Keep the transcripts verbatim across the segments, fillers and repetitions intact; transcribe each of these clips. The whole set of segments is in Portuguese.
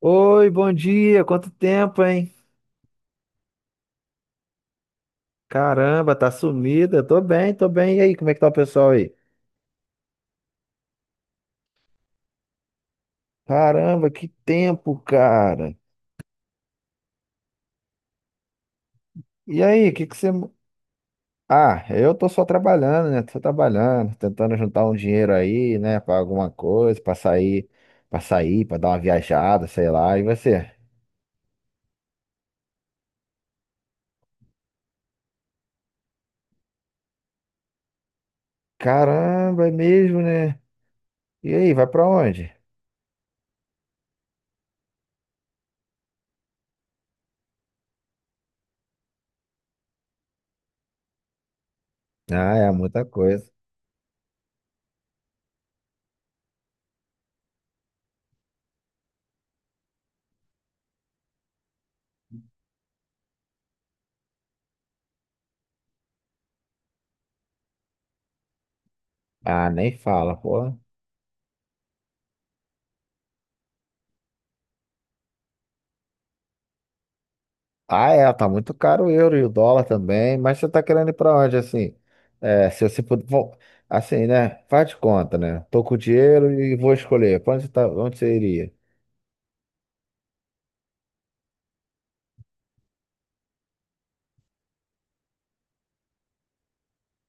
Oi, bom dia. Quanto tempo, hein? Caramba, tá sumida. Tô bem, tô bem. E aí, como é que tá o pessoal aí? Caramba, que tempo, cara. E aí, o que que você. Ah, eu tô só trabalhando, né? Tô trabalhando, tentando juntar um dinheiro aí, né? Pra alguma coisa, pra sair, pra sair, pra dar uma viajada, sei lá. E você? Caramba, é mesmo, né? E aí, vai pra onde? Ah, é muita coisa. Ah, nem fala, pô. Ah, é, tá muito caro o euro e o dólar também, mas você tá querendo ir pra onde, assim? É, se você puder, bom, assim, né? Faz de conta, né? Tô com dinheiro e vou escolher. Pra onde você tá, onde você iria?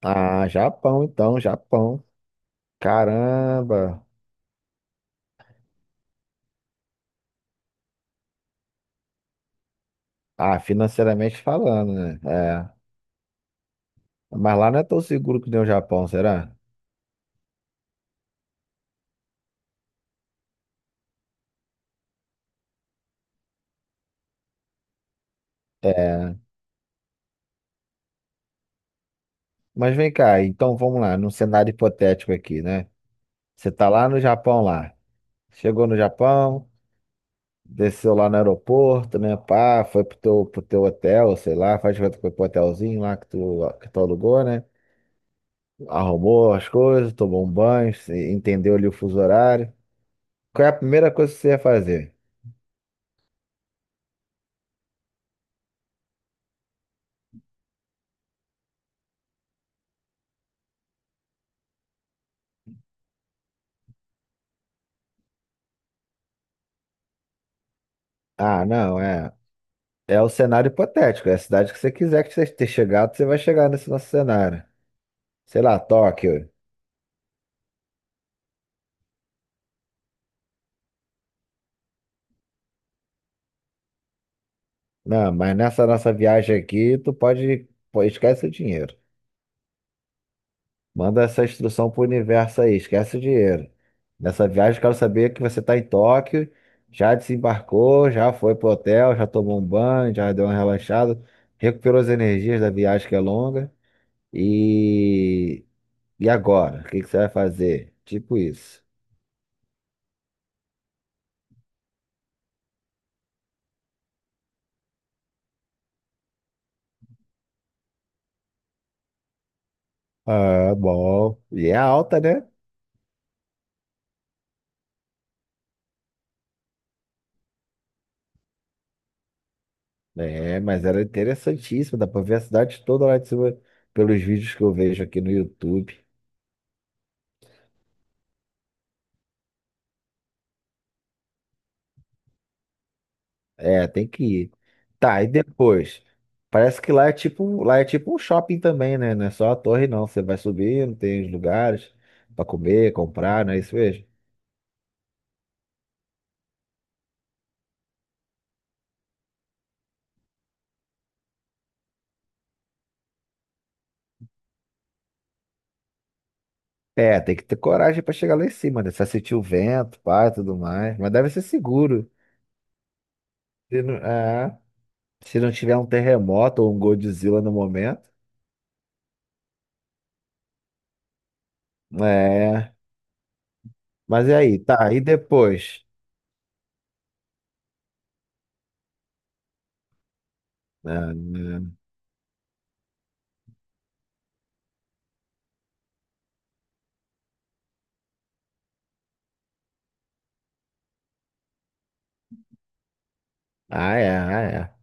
Ah, Japão, então, Japão. Caramba. Ah, financeiramente falando, né? É. Mas lá não é tão seguro que nem o Japão, será? É. Mas vem cá, então vamos lá, num cenário hipotético aqui, né? Você tá lá no Japão, lá. Chegou no Japão. Desceu lá no aeroporto, né? Pá, foi pro teu, pro teu hotel, sei lá, faz de conta que foi pro hotelzinho lá que tu, que tu alugou, né? Arrumou as coisas, tomou um banho, se- entendeu ali o fuso horário. Qual é a primeira coisa que você ia fazer? Ah, não, é. É o cenário hipotético, é a cidade que você quiser que você ter chegado, você vai chegar nesse nosso cenário. Sei lá, Tóquio. Não, mas nessa nossa viagem aqui, tu pode, pô, esquece o dinheiro. Manda essa instrução pro universo aí, esquece o dinheiro. Nessa viagem, eu quero saber que você está em Tóquio, já desembarcou, já foi pro hotel, já tomou um banho, já deu uma relaxada, recuperou as energias da viagem que é longa. E, e agora? O que que você vai fazer? Tipo isso. Ah, bom. E é alta, né? É, mas era interessantíssimo, dá pra ver a cidade toda lá de cima pelos vídeos que eu vejo aqui no YouTube. É, tem que ir. Tá, e depois? Parece que lá é tipo, um- lá é tipo um shopping também, né? Não é só a torre, não. Você vai subindo, tem os lugares pra comer, comprar, não é isso mesmo? É, tem que ter coragem pra chegar lá em cima, né? Você vai sentir o vento, pá, e tudo mais. Mas deve ser seguro. Se não, é, se não tiver um terremoto ou um Godzilla no momento. É. Mas e aí? Tá, e depois? Ah, né? Ah, é, ah, é.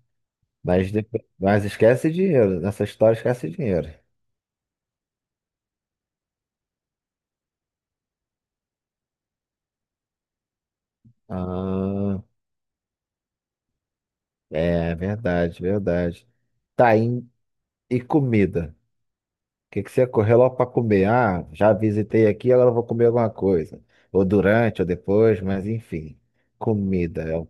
Mas, depois, mas esquece dinheiro. Nessa história, esquece dinheiro. Ah, é verdade, verdade. Tá, e, e comida? O que que você correu logo para comer? Ah, já visitei aqui, agora eu vou comer alguma coisa. Ou durante, ou depois, mas enfim. Comida é. o-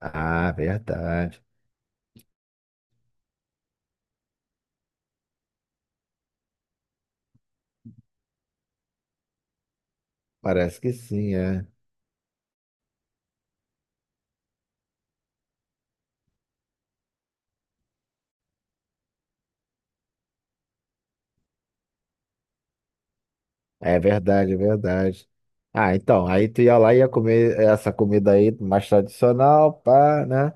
Ah, verdade. Parece que sim, é. É verdade, é verdade. Ah, então, aí tu ia lá e ia comer essa comida aí mais tradicional, pá, né?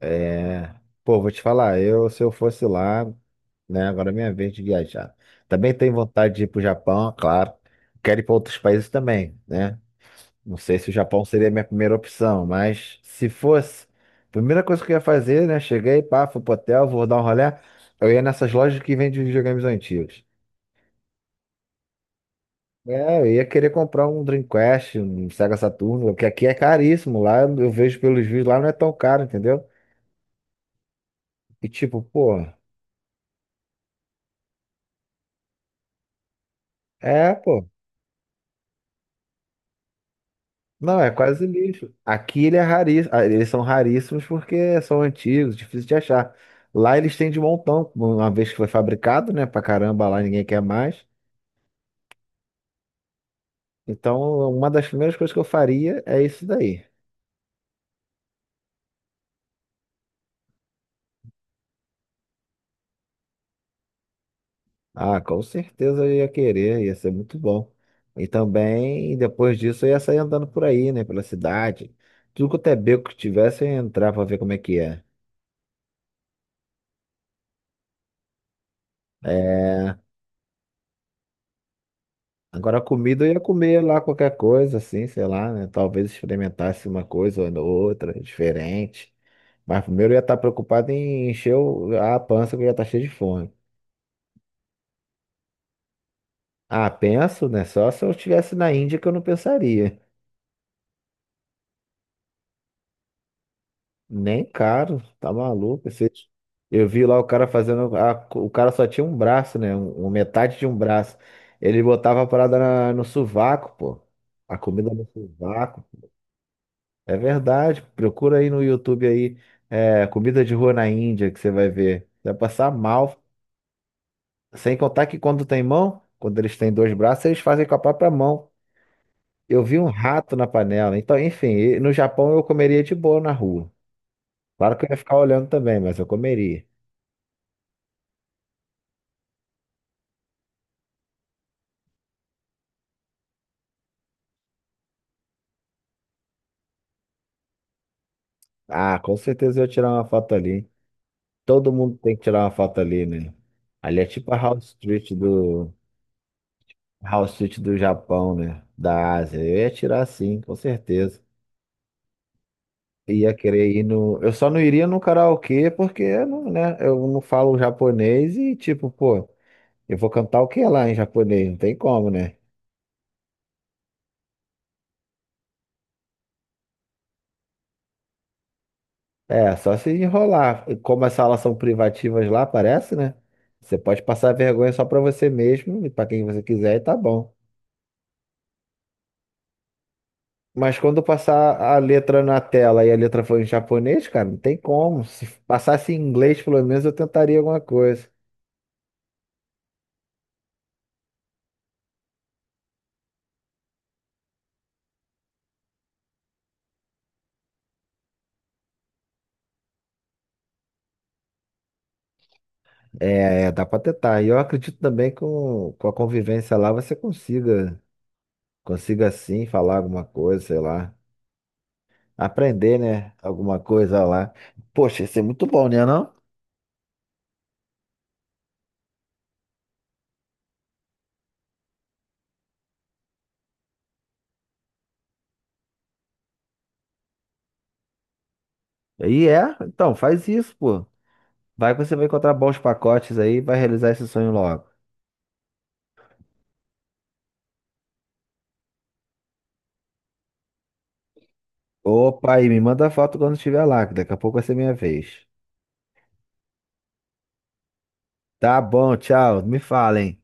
É, pô, vou te falar, eu se eu fosse lá, né, agora é minha vez de viajar. Também tenho vontade de ir pro Japão, claro. Quero ir para outros países também, né? Não sei se o Japão seria a minha primeira opção, mas se fosse, primeira coisa que eu ia fazer, né? Cheguei, pá, fui pro hotel, vou dar um rolê. Eu ia nessas lojas que vendem videogames antigos. É, eu ia querer comprar um Dreamcast, um Sega Saturno, que aqui é caríssimo. Lá eu vejo pelos vídeos, lá não é tão caro, entendeu? E tipo, pô, é, pô. Não, é quase lixo. Aqui ele é raríssimo, eles são raríssimos porque são antigos, difícil de achar. Lá eles têm de montão, uma vez que foi fabricado, né? Pra caramba, lá ninguém quer mais. Então, uma das primeiras coisas que eu faria é isso daí. Ah, com certeza eu ia querer, ia ser muito bom. E também, depois disso, eu ia sair andando por aí, né? Pela cidade. Tudo quanto é beco que tivesse, eu ia entrar pra ver como é que é. É, agora, a comida eu ia comer lá qualquer coisa, assim, sei lá, né? Talvez experimentasse uma coisa ou outra, diferente. Mas primeiro eu ia estar preocupado em encher o- a pança, que eu ia estar cheio de fome. Ah, penso, né? Só se eu estivesse na Índia que eu não pensaria. Nem caro, tá maluco. Esse- Eu vi lá o cara fazendo. a- O cara só tinha um braço, né? Um, um- metade de um braço. Ele botava a parada na- no sovaco, pô. A comida no sovaco. É verdade. Procura aí no YouTube aí, é, comida de rua na Índia, que você vai ver. Você vai passar mal. Sem contar que quando tem mão, quando eles têm dois braços, eles fazem com a própria mão. Eu vi um rato na panela. Então, enfim, e no Japão eu comeria de boa na rua. Claro que eu ia ficar olhando também, mas eu comeria. Ah, com certeza eu ia tirar uma foto ali. Todo mundo tem que tirar uma foto ali, né? Ali é tipo a House Street do House Street do Japão, né? Da Ásia. Eu ia tirar sim, com certeza. Ia querer ir no. Eu só não iria no karaokê porque eu não, né? Eu não falo japonês e, tipo, pô, eu vou cantar o que lá em japonês? Não tem como, né? É, só se enrolar. E como as salas são privativas lá, parece, né? Você pode passar vergonha só pra você mesmo e pra quem você quiser e tá bom. Mas quando passar a letra na tela e a letra for em japonês, cara, não tem como. Se passasse em inglês, pelo menos eu tentaria alguma coisa. É, é, dá para tentar. E eu acredito também que com, com a convivência lá você consiga, consiga sim falar alguma coisa, sei lá. Aprender, né? Alguma coisa lá. Poxa, isso é muito bom, né, não? E é, então, faz isso, pô. Vai que você vai encontrar bons pacotes aí e vai realizar esse sonho logo. Opa, e me manda foto quando estiver lá, que daqui a pouco vai ser minha vez. Tá bom, tchau. Me falem.